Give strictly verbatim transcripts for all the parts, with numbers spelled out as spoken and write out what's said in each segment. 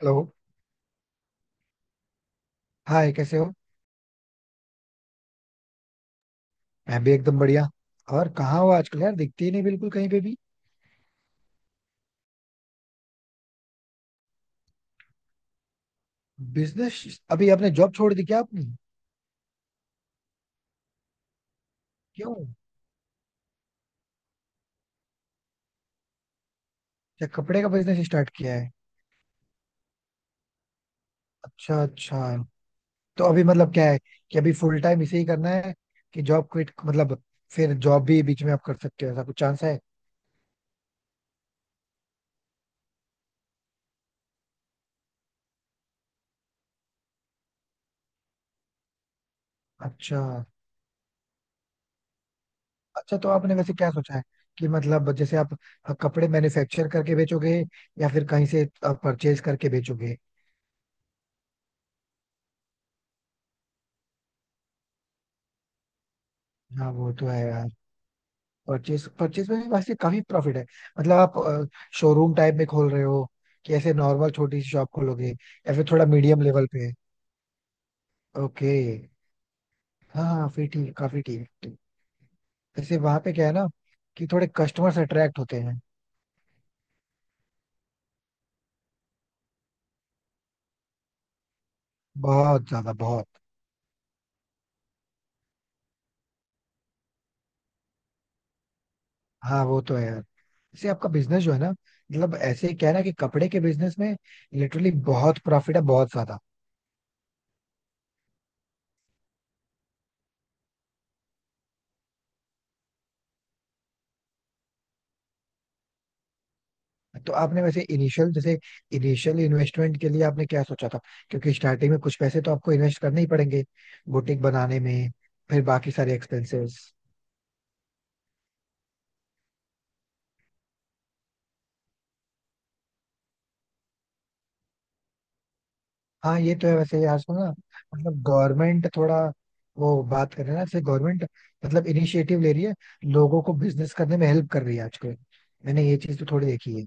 Hello. Hi कैसे हो। मैं भी एकदम बढ़िया। और कहाँ हो आजकल यार, दिखती ही नहीं बिल्कुल कहीं पे भी। बिजनेस, अभी आपने जॉब छोड़ दी क्या आपने? क्यों? क्या कपड़े का बिजनेस स्टार्ट किया है? अच्छा अच्छा। तो अभी मतलब क्या है कि अभी फुल टाइम इसे ही करना है, कि जॉब क्विट मतलब फिर जॉब भी बीच में आप कर सकते हो ऐसा कुछ चांस है? अच्छा अच्छा। तो आपने वैसे क्या सोचा है, कि मतलब जैसे आप कपड़े मैन्युफैक्चर करके बेचोगे या फिर कहीं से परचेज करके बेचोगे? हाँ वो तो है यार। परचेज, परचेज में भी वैसे काफी प्रॉफिट है। मतलब आप शोरूम टाइप में खोल रहे हो, कि ऐसे नॉर्मल छोटी सी शॉप खोलोगे या फिर थोड़ा मीडियम लेवल पे? ओके। हाँ हाँ फिर ठीक है, काफी ठीक है, ठीक। जैसे वहां पे क्या है ना, कि थोड़े कस्टमर्स अट्रैक्ट होते हैं। बहुत ज्यादा, बहुत। हाँ वो तो है यार। जैसे आपका बिजनेस जो है ना, मतलब ऐसे ही क्या है ना कि कपड़े के बिजनेस में लिटरली बहुत प्रॉफिट है, बहुत ज्यादा। तो आपने वैसे इनिशियल, जैसे इनिशियल इन्वेस्टमेंट के लिए आपने क्या सोचा था? क्योंकि स्टार्टिंग में कुछ पैसे तो आपको इन्वेस्ट करने ही पड़ेंगे बुटीक बनाने में, फिर बाकी सारे एक्सपेंसेस। हाँ ये तो है वैसे यार। सुनो ना, मतलब गवर्नमेंट थोड़ा, वो बात कर रहे हैं ना जैसे गवर्नमेंट मतलब इनिशिएटिव ले रही है, लोगों को बिजनेस करने में हेल्प कर रही है आजकल। मैंने ये चीज तो थोड़ी देखी है।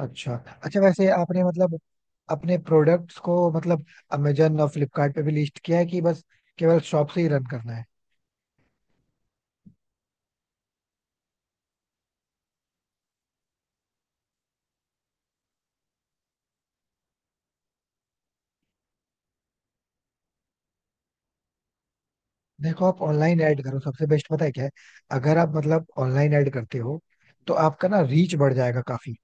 अच्छा अच्छा। वैसे आपने मतलब अपने प्रोडक्ट्स को मतलब अमेजन और फ्लिपकार्ट पे भी लिस्ट किया है, कि बस केवल शॉप से ही रन करना है? देखो, आप ऑनलाइन ऐड करो सबसे बेस्ट, पता है क्या है? अगर आप मतलब ऑनलाइन ऐड करते हो तो आपका ना रीच बढ़ जाएगा काफी।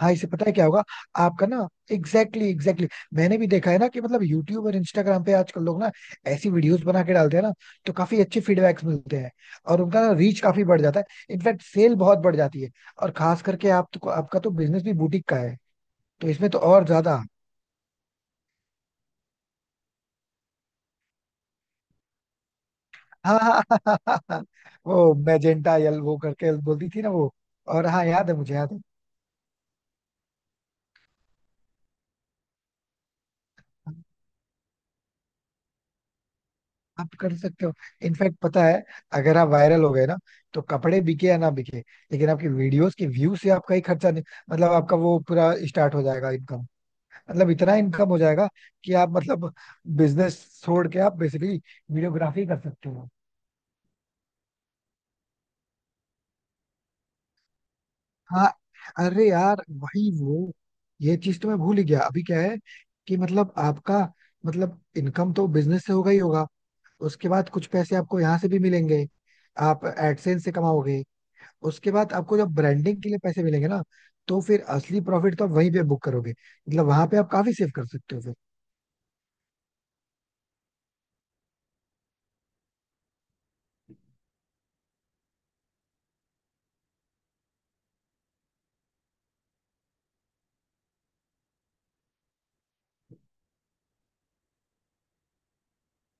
हाँ, इसे पता है क्या होगा आपका ना। Exactly exactly. मैंने भी देखा है ना कि मतलब यूट्यूब और इंस्टाग्राम पे आजकल लोग ना ऐसी वीडियोस बना के डालते हैं ना, तो काफी अच्छे फीडबैक्स मिलते हैं और उनका ना रीच काफी बढ़ जाता है, इनफैक्ट सेल बहुत बढ़ जाती है। और खास करके आप तो, आपका तो बिजनेस भी बुटीक का है, तो इसमें तो और ज्यादा। हाँ हाँ हाँ, हाँ, हाँ, हाँ। वो मैजेंटा यल वो करके बोलती थी ना वो। और हाँ याद है मुझे, याद है। आप कर सकते हो। इनफैक्ट पता है, अगर आप वायरल हो गए ना, तो कपड़े बिके या ना बिके, लेकिन आपकी वीडियोस के व्यू से आपका ही खर्चा नहीं, मतलब आपका वो पूरा स्टार्ट हो जाएगा इनकम। मतलब इतना इनकम हो जाएगा कि आप मतलब बिजनेस छोड़ के आप बेसिकली वीडियोग्राफी कर सकते हो। हाँ। अरे यार वही वो, ये चीज तो मैं भूल ही गया। अभी क्या है कि मतलब आपका, मतलब इनकम तो बिजनेस से होगा ही होगा, उसके बाद कुछ पैसे आपको यहाँ से भी मिलेंगे, आप एडसेंस से कमाओगे। उसके बाद आपको जब ब्रांडिंग के लिए पैसे मिलेंगे ना, तो फिर असली प्रॉफिट तो आप वहीं पे बुक करोगे, मतलब वहां पे आप काफी सेव कर सकते हो फिर।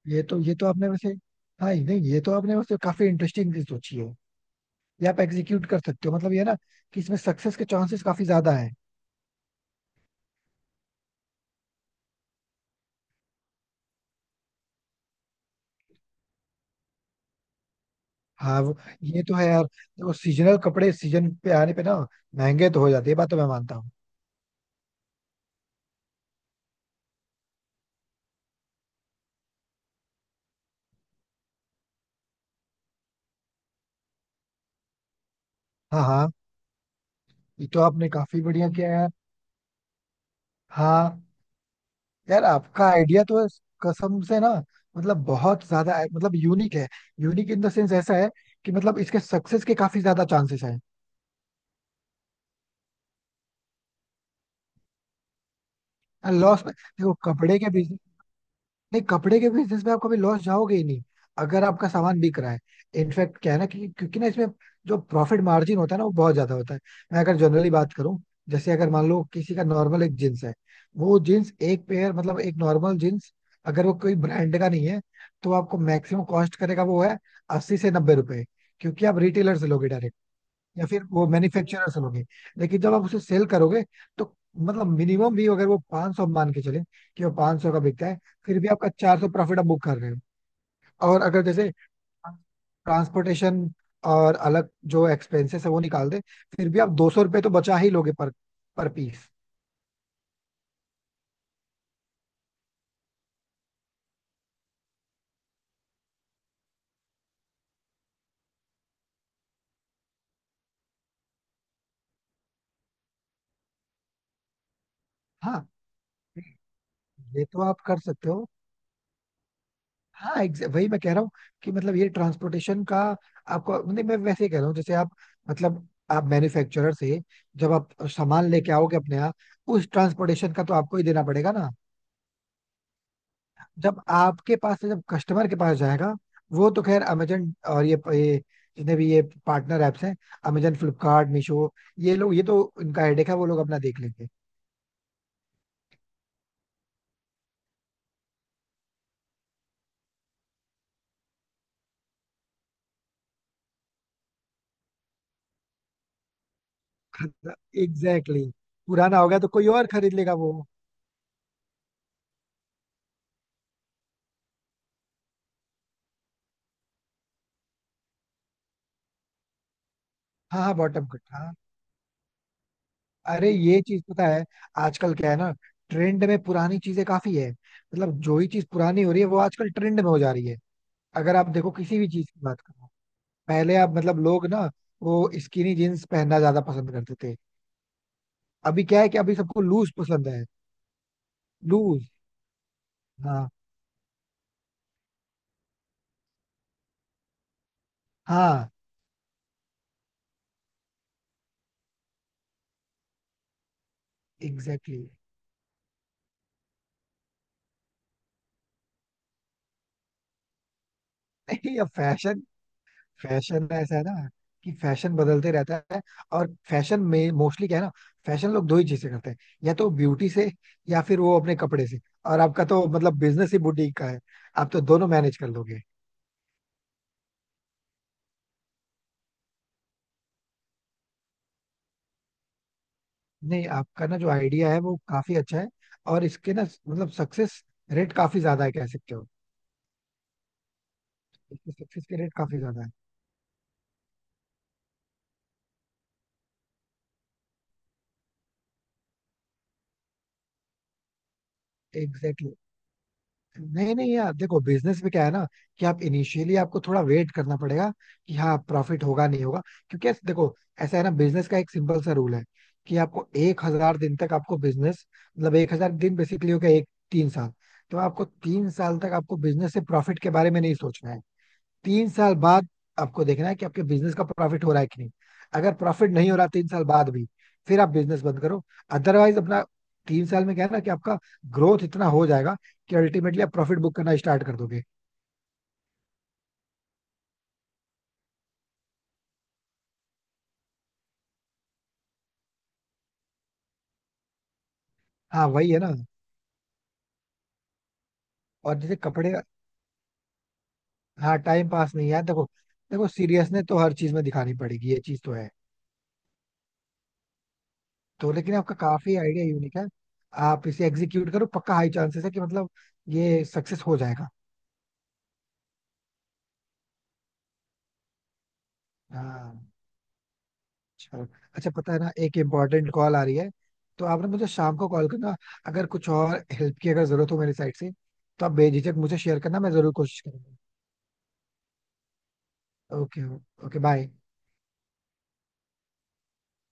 ये तो ये तो आपने वैसे, हाँ ये- नहीं ये तो आपने वैसे काफी इंटरेस्टिंग चीज सोची है। ये आप एग्जीक्यूट कर सकते हो, मतलब ये ना, कि इसमें सक्सेस के चांसेस काफी ज्यादा है। हाँ वो। ये तो है यार। देखो, सीजनल कपड़े सीजन पे आने पे ना महंगे तो हो जाते हैं, ये बात तो मैं मानता हूँ। हाँ। हाँ ये तो आपने काफी बढ़िया किया यार। हाँ। यार आपका आइडिया तो है, कसम से ना, मतलब बहुत ज्यादा है, मतलब यूनिक है। यूनिक इन द सेंस ऐसा है, कि मतलब इसके सक्सेस के काफी ज्यादा चांसेस हैं। लॉस में? देखो कपड़े के, नहीं कपड़े के बिजनेस में आप कभी लॉस जाओगे ही नहीं, अगर आपका सामान बिक रहा है। इनफैक्ट क्या है ना, कि क्योंकि ना इसमें जो प्रॉफिट मार्जिन होता है ना, वो बहुत ज्यादा होता है। मैं अगर जनरली बात करूं, जैसे अगर मान लो किसी का नॉर्मल एक जींस है, वो जींस एक पेयर मतलब एक नॉर्मल जींस, अगर वो कोई ब्रांड का नहीं है, तो आपको मैक्सिमम कॉस्ट करेगा वो है अस्सी से नब्बे रुपए, क्योंकि आप रिटेलर से लोगे डायरेक्ट या फिर वो मैन्युफैक्चरर्स लोगे। लेकिन जब आप उसे सेल करोगे, तो मतलब मिनिमम भी अगर वो 500 सौ मान के चले, कि वो पांच सौ का बिकता है, फिर भी आपका चार सौ प्रॉफिट आप बुक कर रहे हो। और अगर जैसे ट्रांसपोर्टेशन और अलग जो एक्सपेंसेस है वो निकाल दे, फिर भी आप दो सौ रुपये तो बचा ही लोगे, पर पर पीस। हाँ ये तो आप कर सकते हो। हाँ exa- वही मैं कह रहा हूँ, कि मतलब ये ट्रांसपोर्टेशन का आपको नहीं, मैं वैसे ही कह रहा हूँ जैसे आप मतलब आप मैन्युफैक्चरर से जब आप सामान लेके आओगे अपने यहाँ, उस ट्रांसपोर्टेशन का तो आपको ही देना पड़ेगा ना। जब आपके पास से जब कस्टमर के पास जाएगा, वो तो खैर अमेजन और ये ये जितने भी ये पार्टनर ऐप्स हैं, अमेजन फ्लिपकार्ट मीशो, ये लोग ये तो इनका हेडेक है, वो लोग अपना देख लेंगे। Exactly exactly। पुराना होगा तो कोई और खरीद लेगा वो। हाँ हाँ बॉटम कट। अरे ये चीज पता है, आजकल क्या है ना, ट्रेंड में पुरानी चीजें काफी है, मतलब जो ही चीज पुरानी हो रही है वो आजकल ट्रेंड में हो जा रही है। अगर आप देखो किसी भी चीज की बात करो, पहले आप मतलब लोग ना वो स्किनी जीन्स पहनना ज्यादा पसंद करते थे। अभी क्या है कि अभी सबको लूज पसंद है। लूज। हाँ हाँ एग्जैक्टली। नहीं, अब फैशन, फैशन ऐसा है ना कि फैशन बदलते रहता है। और फैशन में मोस्टली क्या है ना, फैशन लोग दो ही चीजें करते हैं, या तो ब्यूटी से या फिर वो अपने कपड़े से। और आपका तो मतलब बिजनेस ही बुटीक का है, आप तो दोनों मैनेज कर लोगे। नहीं, आपका ना जो आइडिया है वो काफी अच्छा है। और इसके ना मतलब सक्सेस रेट काफी ज्यादा है, कह सकते हो। इसके सक्सेस के रेट काफी ज्यादा है। एग्जैक्टली। नहीं नहीं यार देखो, बिजनेस में क्या है ना कि आप इनिशियली आपको थोड़ा वेट करना पड़ेगा, कि हाँ प्रॉफिट होगा नहीं होगा। क्योंकि ऐसे- देखो ऐसा है ना, बिजनेस का एक सिंपल सा रूल है, कि आपको एक हजार दिन तक आपको बिजनेस, मतलब एक हजार दिन बेसिकली हो गया एक तीन साल, तो आपको तीन साल तक आपको बिजनेस से प्रॉफिट के बारे में नहीं सोचना है। तीन साल बाद आपको देखना है कि आपके बिजनेस का प्रॉफिट हो रहा है कि नहीं। अगर प्रॉफिट नहीं हो रहा तीन साल बाद भी, फिर आप बिजनेस बंद करो अदरवाइज अपना। तीन साल में क्या है ना, कि आपका ग्रोथ इतना हो जाएगा, कि अल्टीमेटली आप प्रॉफिट बुक करना स्टार्ट कर दोगे। हाँ वही है ना। और जैसे कपड़े। हाँ टाइम पास नहीं यार। देखो, देखो सीरियसनेस तो हर चीज में दिखानी पड़ेगी, ये चीज तो है। तो लेकिन आपका काफी आइडिया यूनिक है। आप इसे एग्जीक्यूट करो पक्का, हाई चांसेस है कि मतलब ये सक्सेस हो जाएगा। हाँ। चलो। अच्छा पता है ना, एक इम्पोर्टेंट कॉल आ रही है, तो आप ना मुझे शाम को कॉल करना। अगर कुछ और हेल्प की अगर जरूरत हो मेरी साइड से, तो आप बेझिझक मुझे शेयर करना, मैं जरूर कोशिश करूंगा। ओके। Okay bye.